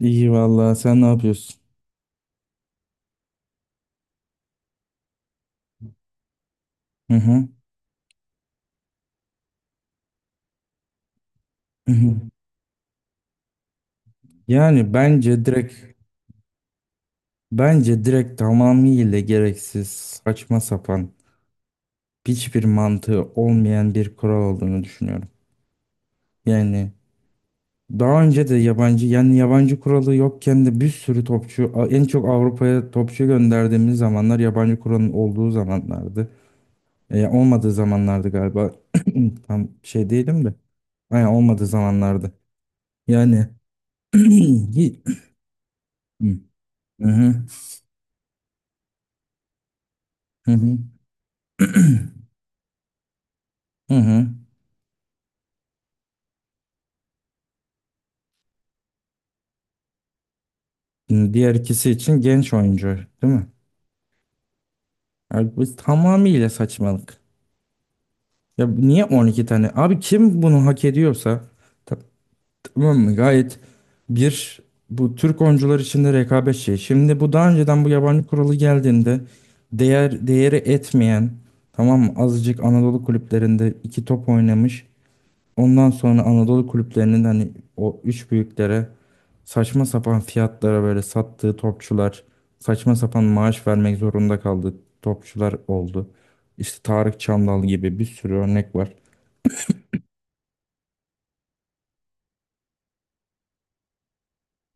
İyi vallahi sen ne yapıyorsun? Hı hı. Hı hı. Yani bence direkt tamamıyla gereksiz, saçma sapan, hiçbir mantığı olmayan bir kural olduğunu düşünüyorum. Yani daha önce de yabancı kuralı yokken de bir sürü topçu, en çok Avrupa'ya topçu gönderdiğimiz zamanlar yabancı kuralın olduğu zamanlardı. E, olmadığı zamanlardı galiba. Tam şey değilim de. Aynen, olmadığı zamanlardı. Yani hi- Hı hı. Hı hı. Hı hı. Diğer ikisi için genç oyuncu, değil mi? Abi bu tamamıyla saçmalık. Ya niye 12 tane? Abi kim bunu hak ediyorsa ta- tamam mı? Gayet bir bu Türk oyuncular içinde rekabet şey. Şimdi bu, daha önceden bu yabancı kuralı geldiğinde değeri etmeyen, tamam mı, azıcık Anadolu kulüplerinde iki top oynamış, ondan sonra Anadolu kulüplerinin hani o üç büyüklere saçma sapan fiyatlara böyle sattığı topçular, saçma sapan maaş vermek zorunda kaldığı topçular oldu. İşte Tarık Çamdal gibi bir sürü örnek var.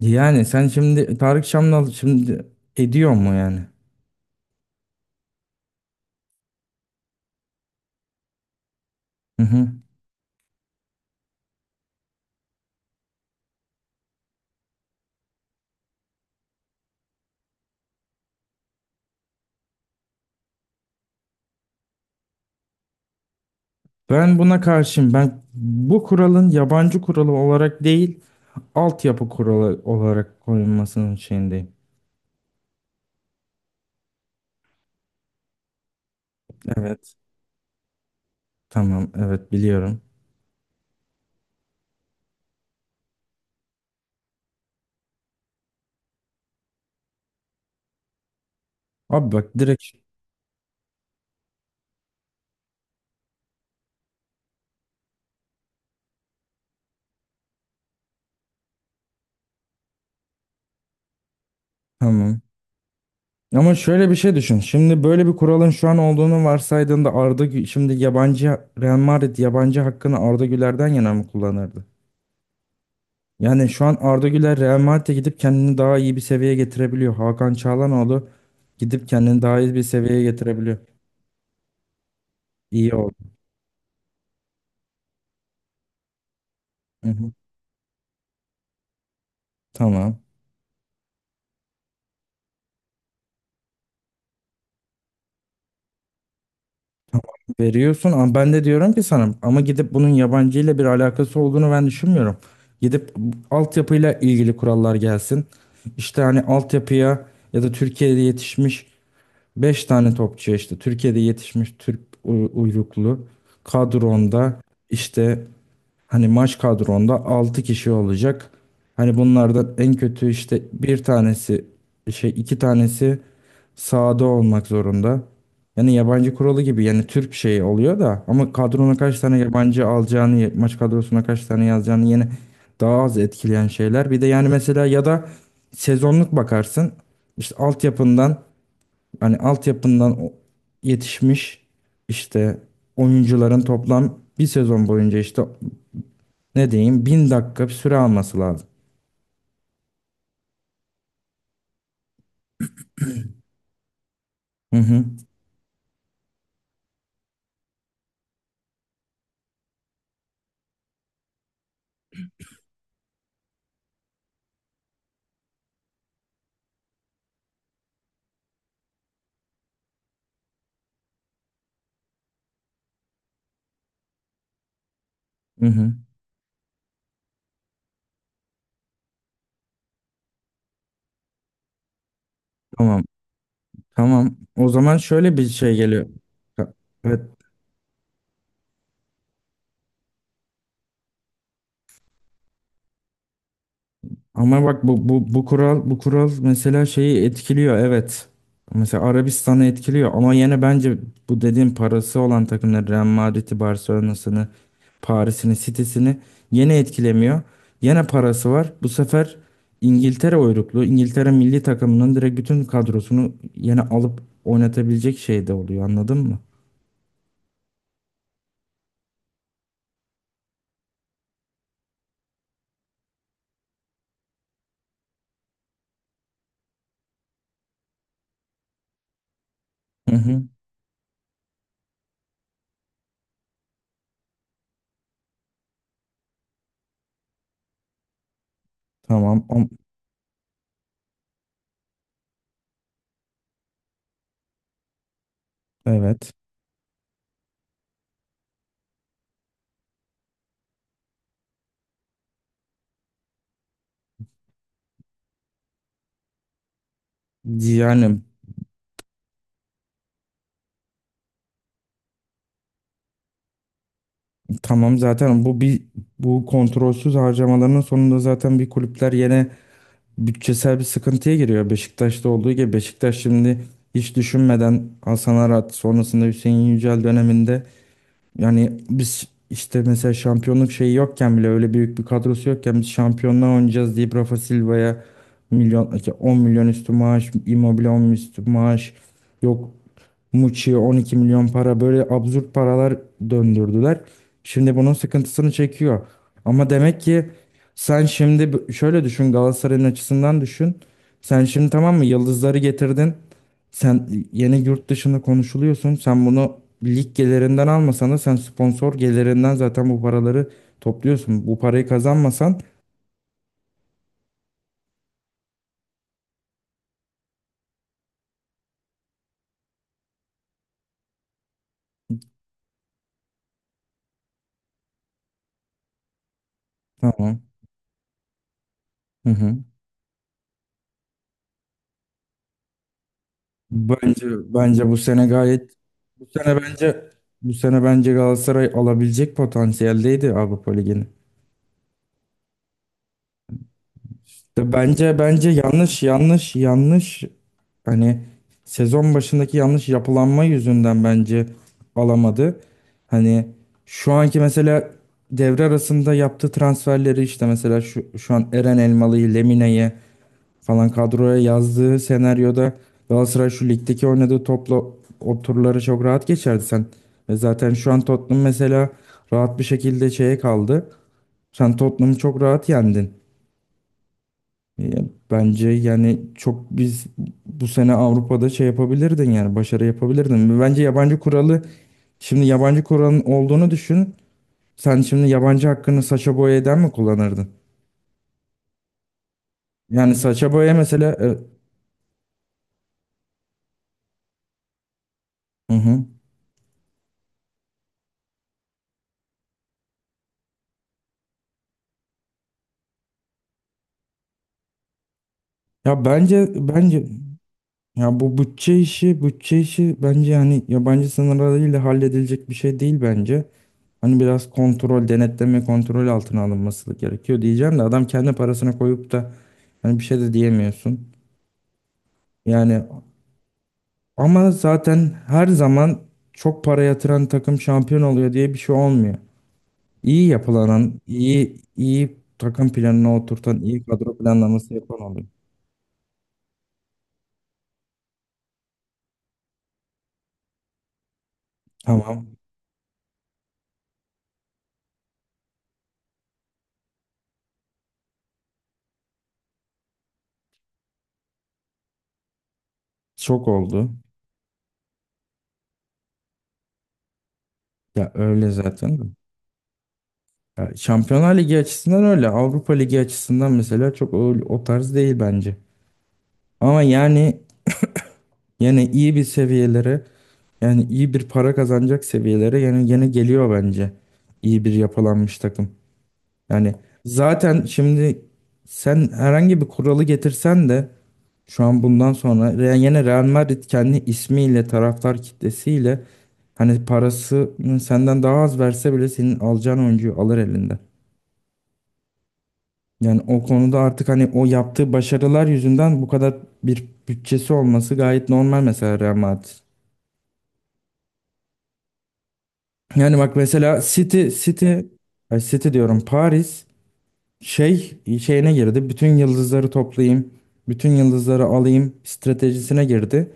Yani sen şimdi Tarık Çamdal şimdi ediyor mu yani? Hı hı. Ben buna karşıyım. Ben bu kuralın yabancı kuralı olarak değil, altyapı kuralı olarak koyulmasının şeyindeyim. Evet. Tamam, evet, biliyorum. Abi bak direkt. Tamam. Ama şöyle bir şey düşün. Şimdi böyle bir kuralın şu an olduğunu varsaydığında şimdi yabancı Real Madrid yabancı hakkını Arda Güler'den yana mı kullanırdı? Yani şu an Arda Güler Real Madrid'e gidip kendini daha iyi bir seviyeye getirebiliyor. Hakan Çalhanoğlu gidip kendini daha iyi bir seviyeye getirebiliyor. İyi oldu. Hı hı. Tamam. Veriyorsun, ama ben de diyorum ki sana, ama gidip bunun yabancı ile bir alakası olduğunu ben düşünmüyorum. Gidip altyapıyla ilgili kurallar gelsin. İşte hani altyapıya, ya da Türkiye'de yetişmiş 5 tane topçu, işte Türkiye'de yetişmiş Türk uyruklu kadronda, işte hani maç kadronda 6 kişi olacak. Hani bunlardan en kötü, işte bir tanesi, şey, iki tanesi sahada olmak zorunda. Yani yabancı kuralı gibi yani Türk şeyi oluyor da, ama kadrona kaç tane yabancı alacağını, maç kadrosuna kaç tane yazacağını yine daha az etkileyen şeyler. Bir de yani mesela, ya da sezonluk bakarsın, işte altyapından, hani altyapından yetişmiş, işte oyuncuların toplam bir sezon boyunca işte ne diyeyim, 1000 dakika bir süre alması lazım. Hı hı. Hı hı. Tamam. Tamam. O zaman şöyle bir şey geliyor. Evet. Ama bak bu kural mesela şeyi etkiliyor, evet. Mesela Arabistan'ı etkiliyor, ama yine bence bu dediğim parası olan takımları, Real Madrid'i, Barcelona'sını, Paris'ini, City'sini yine etkilemiyor. Yine parası var. Bu sefer İngiltere uyruklu. İngiltere milli takımının direkt bütün kadrosunu yine alıp oynatabilecek şeyde oluyor, anladın mı? Hı hı. Tamam. Evet. Yani tamam, zaten bu bir, bu kontrolsüz harcamaların sonunda zaten bir kulüpler yine bütçesel bir sıkıntıya giriyor. Beşiktaş'ta olduğu gibi. Beşiktaş şimdi hiç düşünmeden Hasan Arat sonrasında Hüseyin Yücel döneminde, yani biz işte mesela şampiyonluk şeyi yokken bile, öyle büyük bir kadrosu yokken biz şampiyonluğa oynayacağız deyip Rafa Silva'ya milyon, 10 milyon üstü maaş, Immobile 10 üstü maaş, yok Muçi'ye 12 milyon para, böyle absürt paralar döndürdüler. Şimdi bunun sıkıntısını çekiyor. Ama demek ki sen şimdi şöyle düşün, Galatasaray'ın açısından düşün. Sen şimdi, tamam mı, yıldızları getirdin. Sen yeni yurt dışında konuşuluyorsun. Sen bunu lig gelirinden almasan da sen sponsor gelirinden zaten bu paraları topluyorsun. Bu parayı kazanmasan tamam. Hı hı. Bence bence bu sene gayet, bu sene bence, bu sene bence Galatasaray alabilecek potansiyeldeydi Avrupa Ligi'ni. İşte bence yanlış hani sezon başındaki yanlış yapılanma yüzünden bence alamadı. Hani şu anki mesela devre arasında yaptığı transferleri, işte mesela şu an Eren Elmalı'yı, Lemine'yi falan kadroya yazdığı senaryoda Galatasaray şu ligdeki oynadığı topla o turları çok rahat geçerdi sen. Ve zaten şu an Tottenham mesela rahat bir şekilde şeye kaldı. Sen Tottenham'ı çok rahat yendin. E, bence yani çok biz bu sene Avrupa'da şey yapabilirdin, yani başarı yapabilirdin. Bence yabancı kuralı, şimdi yabancı kuralın olduğunu düşün. Sen şimdi yabancı hakkını Sacha Boey'den mi kullanırdın? Yani Sacha Boey mesela, e, hı hı. Ya bence ya bu bütçe işi, bütçe işi bence hani yabancı sınırlarıyla halledilecek bir şey değil bence. Hani biraz kontrol, denetleme, kontrol altına alınması gerekiyor diyeceğim de, adam kendi parasına koyup da hani bir şey de diyemiyorsun. Yani ama zaten her zaman çok para yatıran takım şampiyon oluyor diye bir şey olmuyor. İyi yapılanan, iyi iyi takım planına oturtan, iyi kadro planlaması yapan oluyor. Tamam, çok oldu. Ya öyle zaten. Ya Şampiyonlar Ligi açısından öyle. Avrupa Ligi açısından mesela çok o tarz değil bence. Ama yani yine iyi bir seviyelere, yani iyi bir para kazanacak seviyelere yani yine geliyor bence. İyi bir yapılanmış takım. Yani zaten şimdi sen herhangi bir kuralı getirsen de şu an bundan sonra yine Real Madrid kendi ismiyle, taraftar kitlesiyle, hani parası senden daha az verse bile senin alacağın oyuncuyu alır elinden. Yani o konuda artık hani o yaptığı başarılar yüzünden bu kadar bir bütçesi olması gayet normal, mesela Real Madrid. Yani bak mesela ay City diyorum, Paris şey şeyine girdi. Bütün yıldızları toplayayım, bütün yıldızları alayım stratejisine girdi.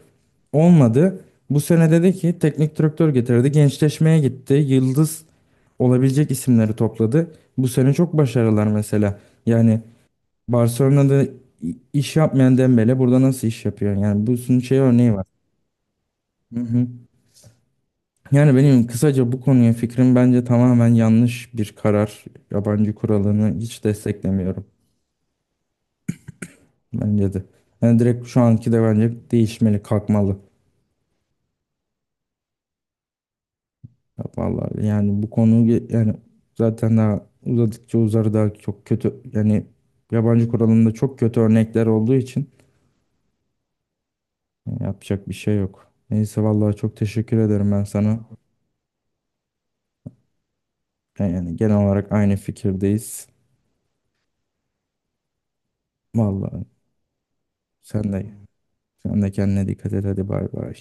Olmadı. Bu sene dedi ki teknik direktör getirdi. Gençleşmeye gitti. Yıldız olabilecek isimleri topladı. Bu sene çok başarılar mesela. Yani Barcelona'da iş yapmayan Dembele burada nasıl iş yapıyor? Yani bunun şey örneği var. Hı hı. Yani benim kısaca bu konuya fikrim, bence tamamen yanlış bir karar. Yabancı kuralını hiç desteklemiyorum. Bence de. Yani direkt şu anki de bence değişmeli, kalkmalı. Ya vallahi yani bu konu yani zaten daha uzadıkça uzar, daha çok kötü. Yani yabancı kuralında çok kötü örnekler olduğu için yapacak bir şey yok. Neyse, vallahi çok teşekkür ederim ben sana. Yani genel olarak aynı fikirdeyiz. Vallahi sen de sen de kendine dikkat et, hadi bay bay.